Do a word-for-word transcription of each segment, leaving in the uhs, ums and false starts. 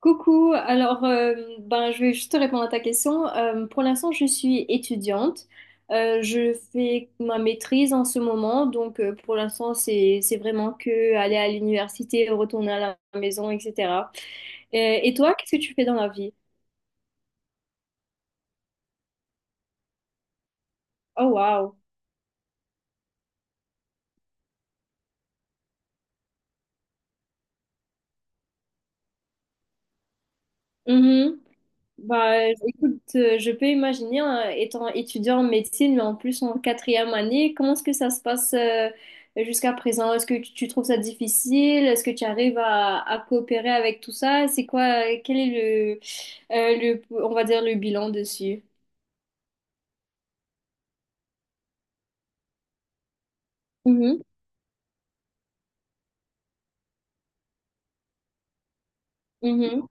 Coucou, alors euh, ben, je vais juste te répondre à ta question. Euh, pour l'instant, je suis étudiante. Euh, je fais ma maîtrise en ce moment, donc euh, pour l'instant, c'est c'est vraiment que aller à l'université, retourner à la maison, et cetera. Euh, Et, et toi, qu'est-ce que tu fais dans la vie? Oh, wow. Bah, écoute, euh, je peux imaginer, hein, étant étudiant en médecine, mais en plus en quatrième année, comment est-ce que ça se passe, euh, jusqu'à présent? Est-ce que tu tu trouves ça difficile? Est-ce que tu arrives à, à coopérer avec tout ça? C'est quoi, quel est le, euh, le, on va dire, le bilan dessus? Mhm. Mhm.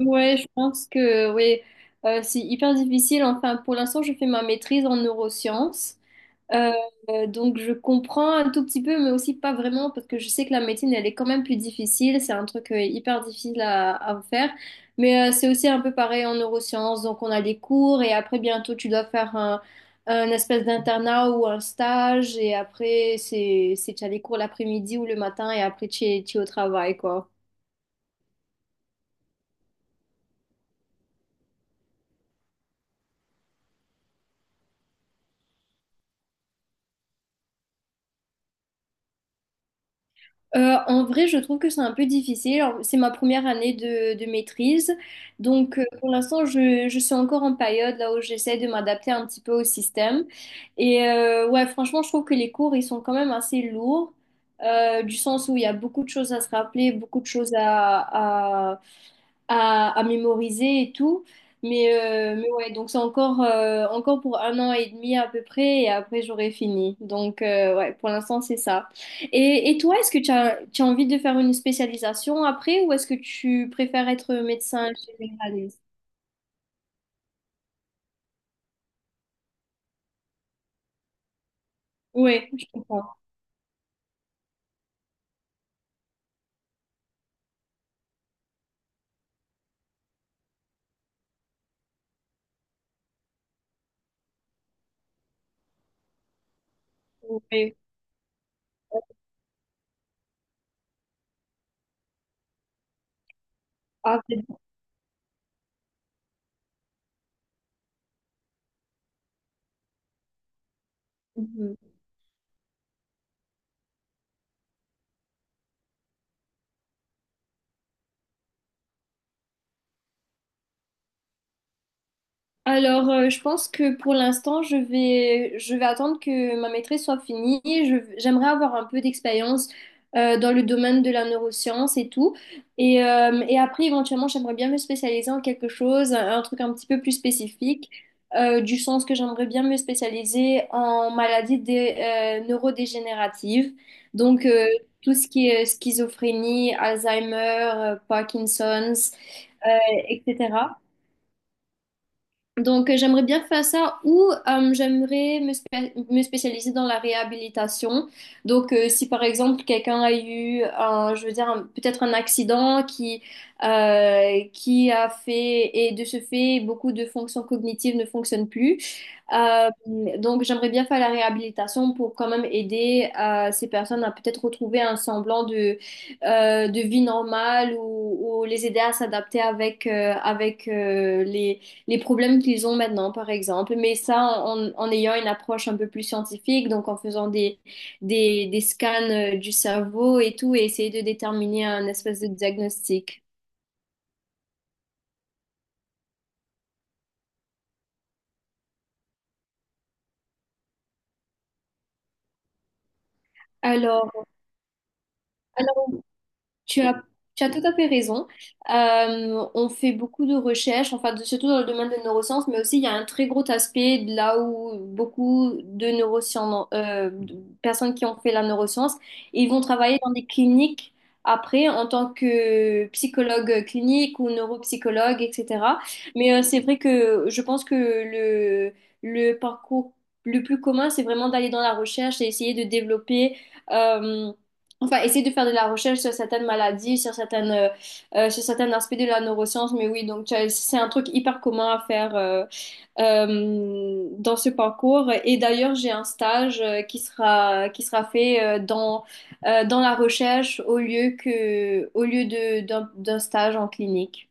Ouais, je pense que oui. Euh, c'est hyper difficile. Enfin, pour l'instant, je fais ma maîtrise en neurosciences. Euh, euh, donc je comprends un tout petit peu, mais aussi pas vraiment, parce que je sais que la médecine, elle est quand même plus difficile. C'est un truc euh, hyper difficile à, à faire. Mais euh, c'est aussi un peu pareil en neurosciences. Donc on a des cours et après bientôt tu dois faire un, un espèce d'internat ou un stage. Et après, c'est, c'est, tu as des cours l'après-midi ou le matin et après tu es, tu es au travail, quoi. Euh, en vrai, je trouve que c'est un peu difficile. Alors, c'est ma première année de, de maîtrise. Donc, euh, pour l'instant, je, je suis encore en période là où j'essaie de m'adapter un petit peu au système. Et euh, ouais, franchement, je trouve que les cours, ils sont quand même assez lourds, euh, du sens où il y a beaucoup de choses à se rappeler, beaucoup de choses à, à, à mémoriser et tout. Mais, euh, mais ouais, donc c'est encore, euh, encore pour un an et demi à peu près, et après j'aurai fini. Donc euh, ouais, pour l'instant c'est ça. Et, et toi, est-ce que tu as, tu as envie de faire une spécialisation après, ou est-ce que tu préfères être médecin généraliste? Ouais, je comprends. Ouais. Ah, c'est- Mhm. Alors, euh, je pense que pour l'instant, je vais, je vais attendre que ma maîtrise soit finie. Je- j'aimerais avoir un peu d'expérience euh, dans le domaine de la neuroscience et tout. Et, euh, et après, éventuellement, j'aimerais bien me spécialiser en quelque chose, un, un truc un petit peu plus spécifique, euh, du sens que j'aimerais bien me spécialiser en maladies dé- euh, neurodégénératives. Donc, euh, tout ce qui est euh, schizophrénie, Alzheimer, euh, Parkinson's, euh, et cetera. Donc, euh, j'aimerais bien faire ça ou euh, j'aimerais me, spé- me spécialiser dans la réhabilitation. Donc, euh, si par exemple quelqu'un a eu, un, je veux dire, un- peut-être un accident qui, euh, qui a fait, et de ce fait, beaucoup de fonctions cognitives ne fonctionnent plus. Euh, donc, j'aimerais bien faire la réhabilitation pour quand même aider euh, ces personnes à peut-être retrouver un semblant de, euh, de vie normale ou, ou les aider à s'adapter avec, euh, avec euh, les les problèmes qu'ils ont maintenant, par exemple, mais ça en, en ayant une approche un peu plus scientifique, donc en faisant des, des, des scans euh, du cerveau et tout, et essayer de déterminer un espèce de diagnostic. Alors, Tu as, tu as tout à fait raison. Euh, on fait beaucoup de recherches, enfin, de- surtout dans le domaine des neurosciences, mais aussi il y a un très gros aspect de là où beaucoup de neurosciences, euh, de personnes qui ont fait la neuroscience, ils vont travailler dans des cliniques après en tant que psychologue clinique ou neuropsychologue, et cetera. Mais euh, c'est vrai que je pense que le, le parcours le plus commun, c'est vraiment d'aller dans la recherche et essayer de développer. euh, Enfin, essayer de faire de la recherche sur certaines maladies, sur certaines, euh, euh, sur certains aspects de la neuroscience. Mais oui, donc tu as- c'est un truc hyper commun à faire euh, euh, dans ce parcours. Et d'ailleurs, j'ai un stage euh, qui sera, qui sera fait euh, dans, euh, dans la recherche au lieu que, au lieu de, d'un, d'un stage en clinique.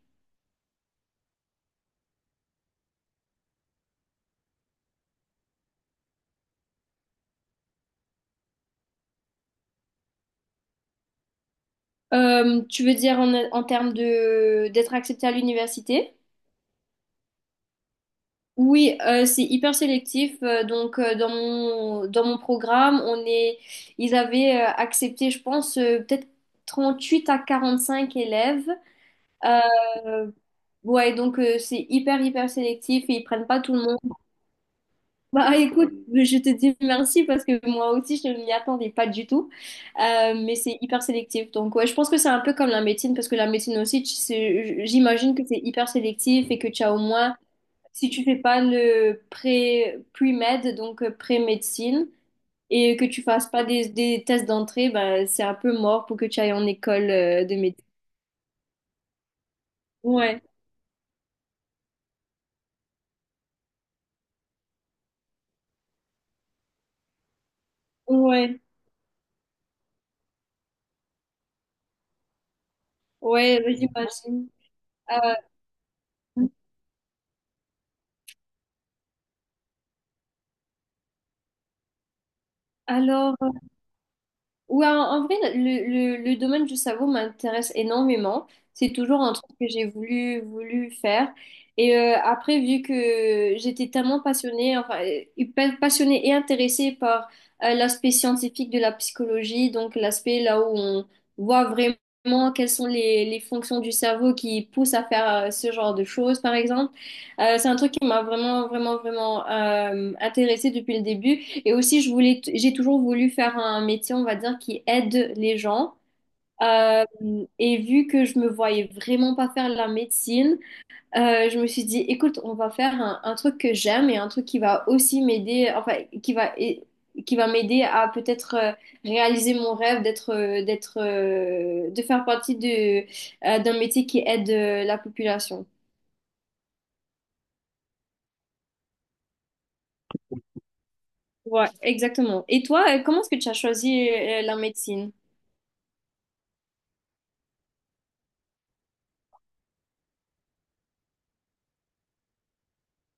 Euh, tu veux dire en, en termes de, d'être accepté à l'université? Oui, euh, c'est hyper sélectif. Euh, donc, euh, dans mon, dans mon programme, on est, ils avaient euh, accepté, je pense, euh, peut-être trente-huit à quarante-cinq élèves. Euh, ouais, donc euh, c'est hyper, hyper sélectif et ils prennent pas tout le monde. Bah écoute, je te dis merci parce que moi aussi, je ne m'y attendais pas du tout. Euh, mais c'est hyper sélectif. Donc, ouais, je pense que c'est un peu comme la médecine parce que la médecine aussi, tu sais, j'imagine que c'est hyper sélectif et que tu as au moins si tu fais pas le pré, pre-med, donc euh, pré-médecine, et que tu fasses pas des, des tests d'entrée, bah, c'est un peu mort pour que tu ailles en école euh, de médecine. Ouais, ouais, ouais, j'imagine. Euh, alors, ouais, en en vrai, le, le- le domaine du cerveau m'intéresse énormément. C'est toujours un truc que j'ai voulu, voulu faire. Et euh, après, vu que j'étais tellement passionnée, enfin, euh, pa- passionnée et intéressée par euh, l'aspect scientifique de la psychologie, donc l'aspect là où on voit vraiment quelles sont les, les fonctions du cerveau qui poussent à faire euh, ce genre de choses, par exemple. Euh, c'est un truc qui m'a vraiment, vraiment, vraiment euh, intéressée depuis le début. Et aussi, je voulais, j'ai toujours voulu faire un métier, on va dire, qui aide les gens. Euh, et vu que je me voyais vraiment pas faire la médecine, euh, je me suis dit, écoute, on va faire un, un truc que j'aime et un truc qui va aussi m'aider, enfin, qui va, et- qui va m'aider à peut-être euh, réaliser mon rêve d'être, euh, d'être, euh, de faire partie de, euh, d'un métier qui aide euh, la population. Ouais, exactement. Et toi, euh, comment est-ce que tu as choisi euh, la médecine?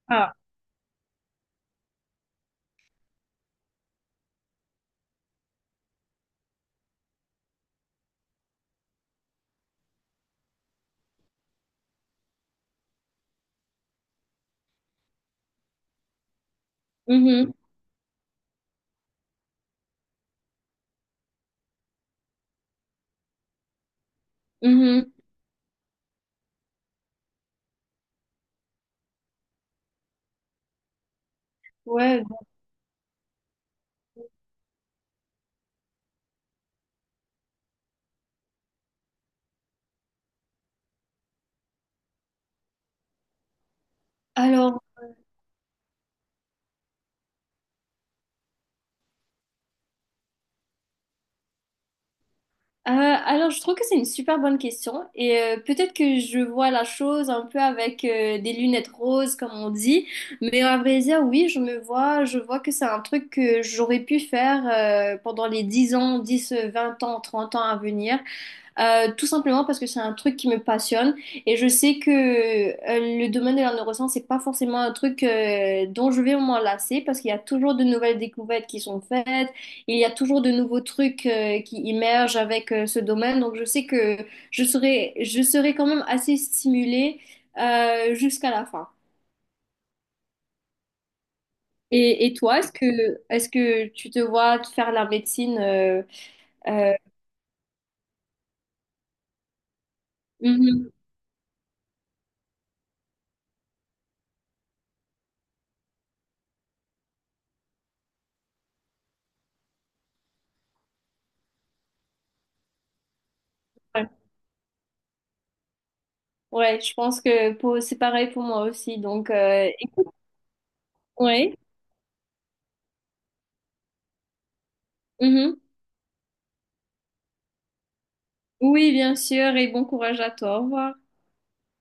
Ah. Mhm. Mhm. Ouais. Alors, euh, alors, je trouve que c'est une super bonne question et euh, peut-être que je vois la chose un peu avec euh, des lunettes roses comme on dit, mais à vrai dire, oui, je me vois, je vois que c'est un truc que j'aurais pu faire euh, pendant les dix ans, dix, vingt ans, trente ans à venir. Euh, tout simplement parce que c'est un truc qui me passionne et je sais que euh, le domaine de la neuroscience, c'est pas forcément un truc euh, dont je vais m'enlacer parce qu'il y a toujours de nouvelles découvertes qui sont faites, il y a toujours de nouveaux trucs euh, qui émergent avec euh, ce domaine. Donc je sais que je serai, je serai quand même assez stimulée euh, jusqu'à la fin. Et, et toi, est-ce que, est-ce que tu te vois faire la médecine euh, euh, mhm. Ouais. Ouais, je pense que pour- c'est pareil pour moi aussi. Donc, euh, Oui. Mhm. Oui, bien sûr, et bon courage à toi. Au revoir.